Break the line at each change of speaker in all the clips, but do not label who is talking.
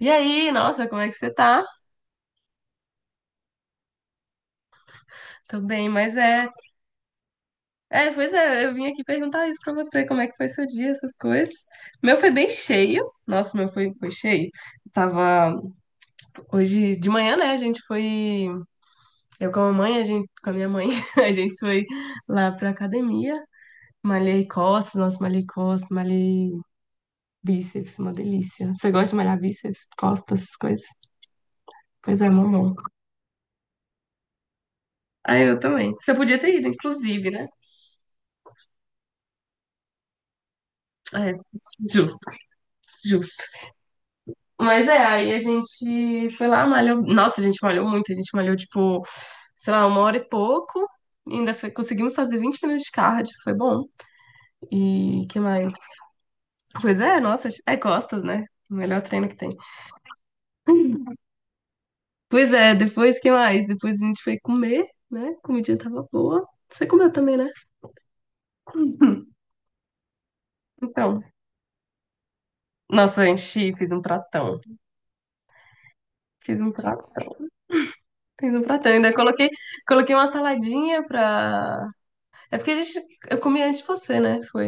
E aí, nossa, como é que você tá? Tô bem, mas é. É, pois é, eu vim aqui perguntar isso pra você, como é que foi seu dia, essas coisas. Meu foi bem cheio. Nossa, meu foi cheio. Eu tava. Hoje de manhã, né? A gente foi. Eu com a mamãe, a gente, com a minha mãe, a gente foi lá pra academia. Malhei costas, nossa, malhei costas, malhei bíceps, uma delícia. Você gosta de malhar bíceps, costas, essas coisas? Pois é, mó bom. Ah, eu também. Você podia ter ido, inclusive, né? É, justo, justo. Mas é, aí a gente foi lá, malhou. Nossa, a gente malhou muito, a gente malhou tipo, sei lá, uma hora e pouco. Conseguimos fazer 20 minutos de cardio, foi bom. E que mais? Pois é, nossa, é costas, né? O melhor treino que tem. Pois é, depois que mais? Depois a gente foi comer, né? A comidinha tava boa. Você comeu também, né? Hum. Então, nossa, a gente fez um pratão. Fiz um prato Fiz um pratão, ainda coloquei uma saladinha pra. É porque a gente, eu comi antes de você, né? Foi.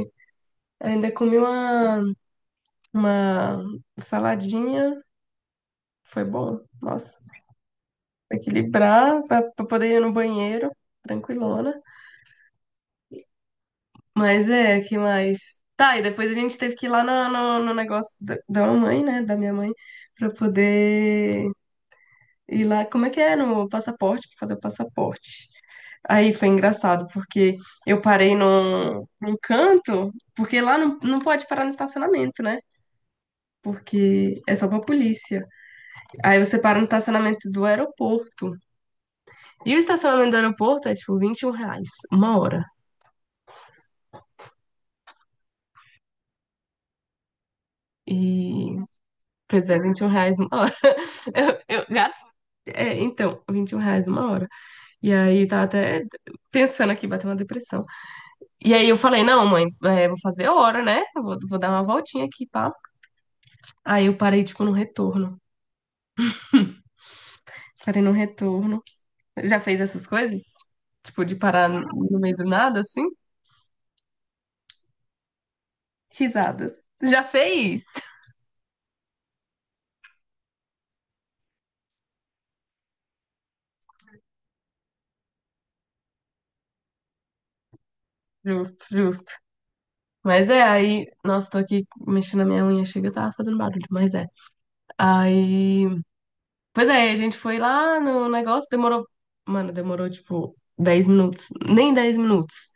Ainda comi uma saladinha. Foi bom. Nossa. Equilibrar pra poder ir no banheiro. Tranquilona. Mas é, que mais? Tá, e depois a gente teve que ir lá no negócio da mamãe, né? Da minha mãe. Pra poder ir lá. Como é que é? No passaporte? Pra fazer o passaporte. Aí foi engraçado, porque eu parei num canto, porque lá não pode parar no estacionamento, né? Porque é só pra polícia. Aí você para no estacionamento do aeroporto. E o estacionamento do aeroporto é tipo R$ 21 uma hora. E. Pois é, R$ 21 uma hora. Eu gasto. É, então, R$ 21 uma hora. E aí tá até pensando aqui, bateu uma depressão. E aí eu falei, não, mãe, é, vou fazer hora, né? Eu vou dar uma voltinha aqui, pá. Aí eu parei, tipo, no retorno. Parei no retorno. Já fez essas coisas? Tipo, de parar no meio do nada, assim? Risadas. Já fez? Justo, justo. Mas é, aí, nossa, tô aqui mexendo na minha unha, chega, tá fazendo barulho, mas é. Aí, pois é, a gente foi lá no negócio, demorou, mano, demorou tipo 10 minutos, nem 10 minutos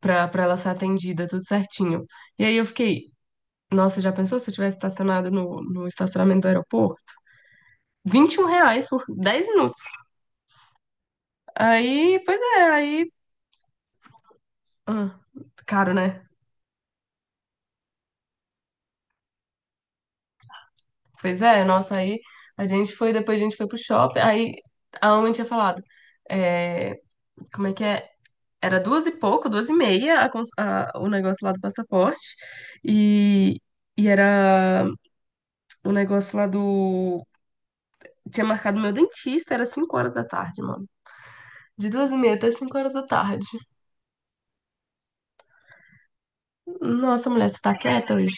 pra ela ser atendida, tudo certinho. E aí eu fiquei, nossa, já pensou se eu tivesse estacionado no estacionamento do aeroporto? R$ 21 por 10 minutos. Aí, pois é, aí, ah, caro, né? Pois é, nossa, aí a gente foi, depois a gente foi pro shopping, aí a mamãe tinha falado, é, como é que é? Era duas e pouco, duas e meia o negócio lá do passaporte, e, e era o negócio lá do... Tinha marcado meu dentista, era 5 horas da tarde, mano. De duas e meia até 5 horas da tarde. Nossa, mulher, você tá quieta hoje?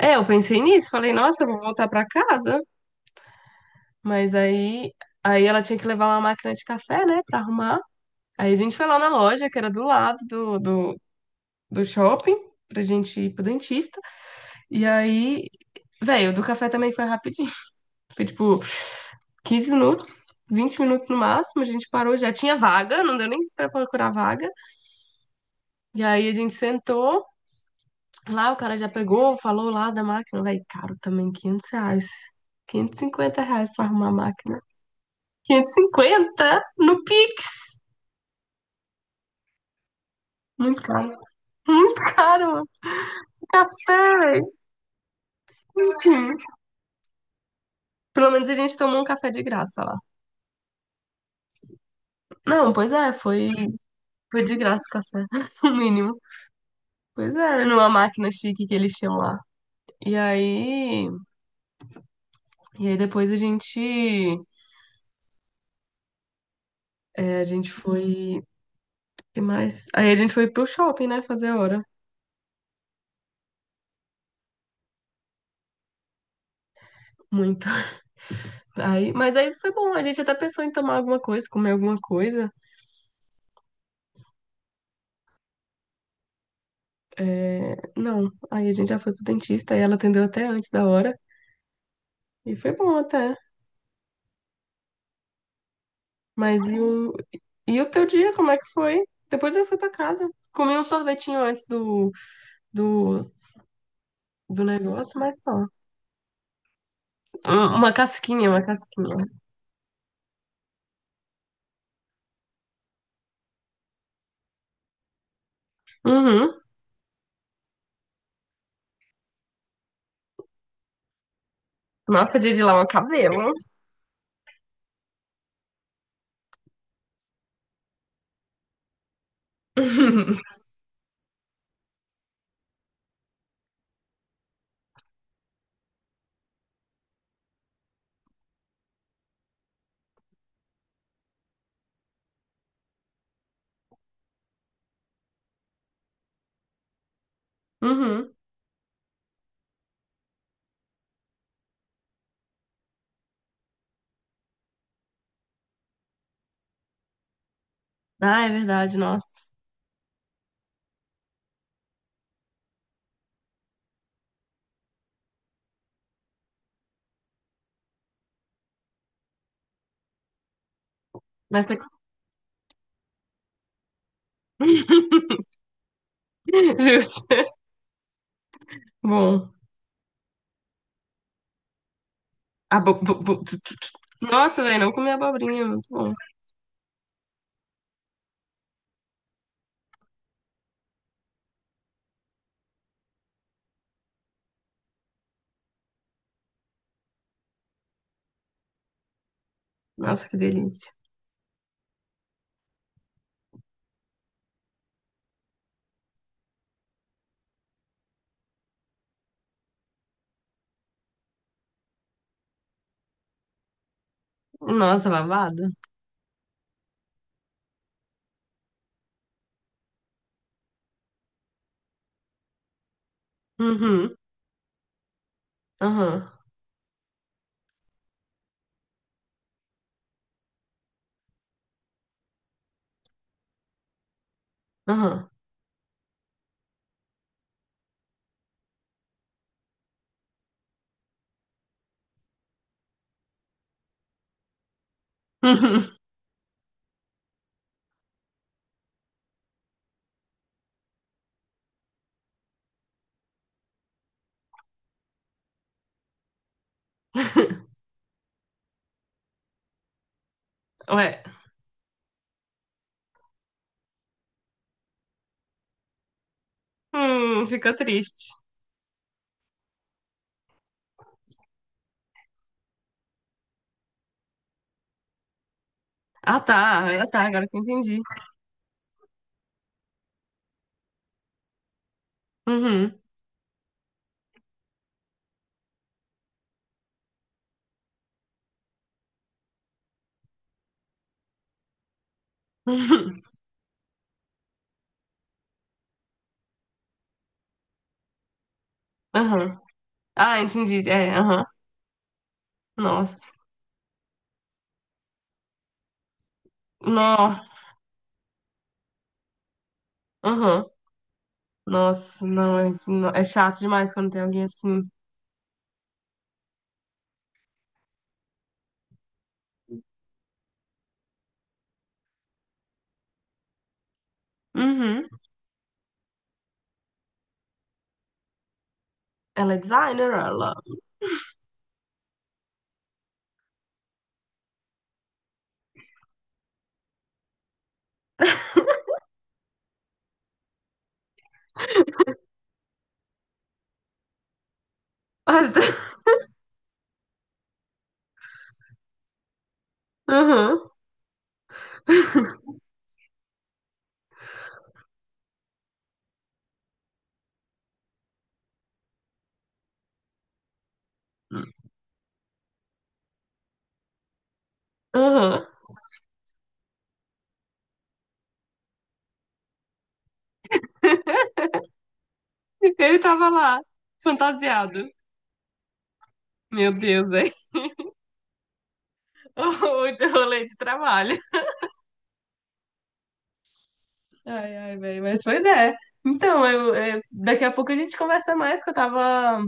É, eu pensei nisso, falei, nossa, eu vou voltar pra casa. Mas aí ela tinha que levar uma máquina de café, né, pra arrumar. Aí a gente foi lá na loja, que era do lado do shopping, pra gente ir pro dentista. E aí, velho, o do café também foi rapidinho. Foi tipo 15 minutos, 20 minutos no máximo. A gente parou, já tinha vaga, não deu nem pra procurar vaga. E aí a gente sentou lá, o cara já pegou, falou lá da máquina. Velho, caro também, R$ 500. R$ 550 pra arrumar a máquina. 550 no Pix. Muito caro. Muito caro. Café, velho. Enfim. Pelo menos a gente tomou um café de graça lá. Não, pois é, foi de graça o café, o mínimo. Pois é, numa máquina chique que eles tinham lá. E aí, e aí depois a gente, é, a gente foi, que mais? Aí a gente foi pro shopping, né, fazer hora. Muito. Aí, mas aí foi bom, a gente até pensou em tomar alguma coisa, comer alguma coisa. É, não, aí a gente já foi pro dentista e ela atendeu até antes da hora. E foi bom até. Mas e o teu dia, como é que foi? Depois eu fui pra casa. Comi um sorvetinho antes do, do negócio, mas só. Uma casquinha, uma casquinha. Uhum. Nossa, dia de lavar o cabelo. Uhum. Ah, é verdade, nossa. Mas você... Justo. Bom. Abo... bo- bo- tu- tu- tu- Nossa, velho, não comi abobrinha, muito bom. Nossa, que delícia. Nossa, babado. Uhum. Aham. Aham. Uhum. Ué. Ficou triste. Ah, tá. Ah, tá. Agora que eu entendi. Uhum. Uhum. Aham. Ah, entendi. É, aham. Nossa. Nó. Aham. Nossa, não é, é chato demais quando tem alguém assim. Uhum. Ela é designer, ela. Ah, tá. Aham. Aham. Ele tava lá, fantasiado. Meu Deus, velho. Muito rolê de trabalho. Ai, ai, velho. Mas pois é. Então, eu, é, daqui a pouco a gente conversa mais, que eu tava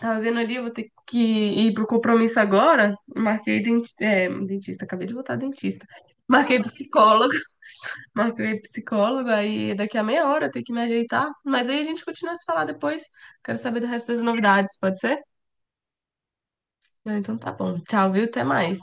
Tava vendo ali, eu vou ter que ir pro compromisso agora. Marquei dentista, acabei de voltar dentista. Marquei psicólogo, marquei psicólogo, aí daqui a meia hora eu tenho que me ajeitar. Mas aí a gente continua a se falar depois. Quero saber do resto das novidades, pode ser? Não, então tá bom. Tchau, viu? Até mais.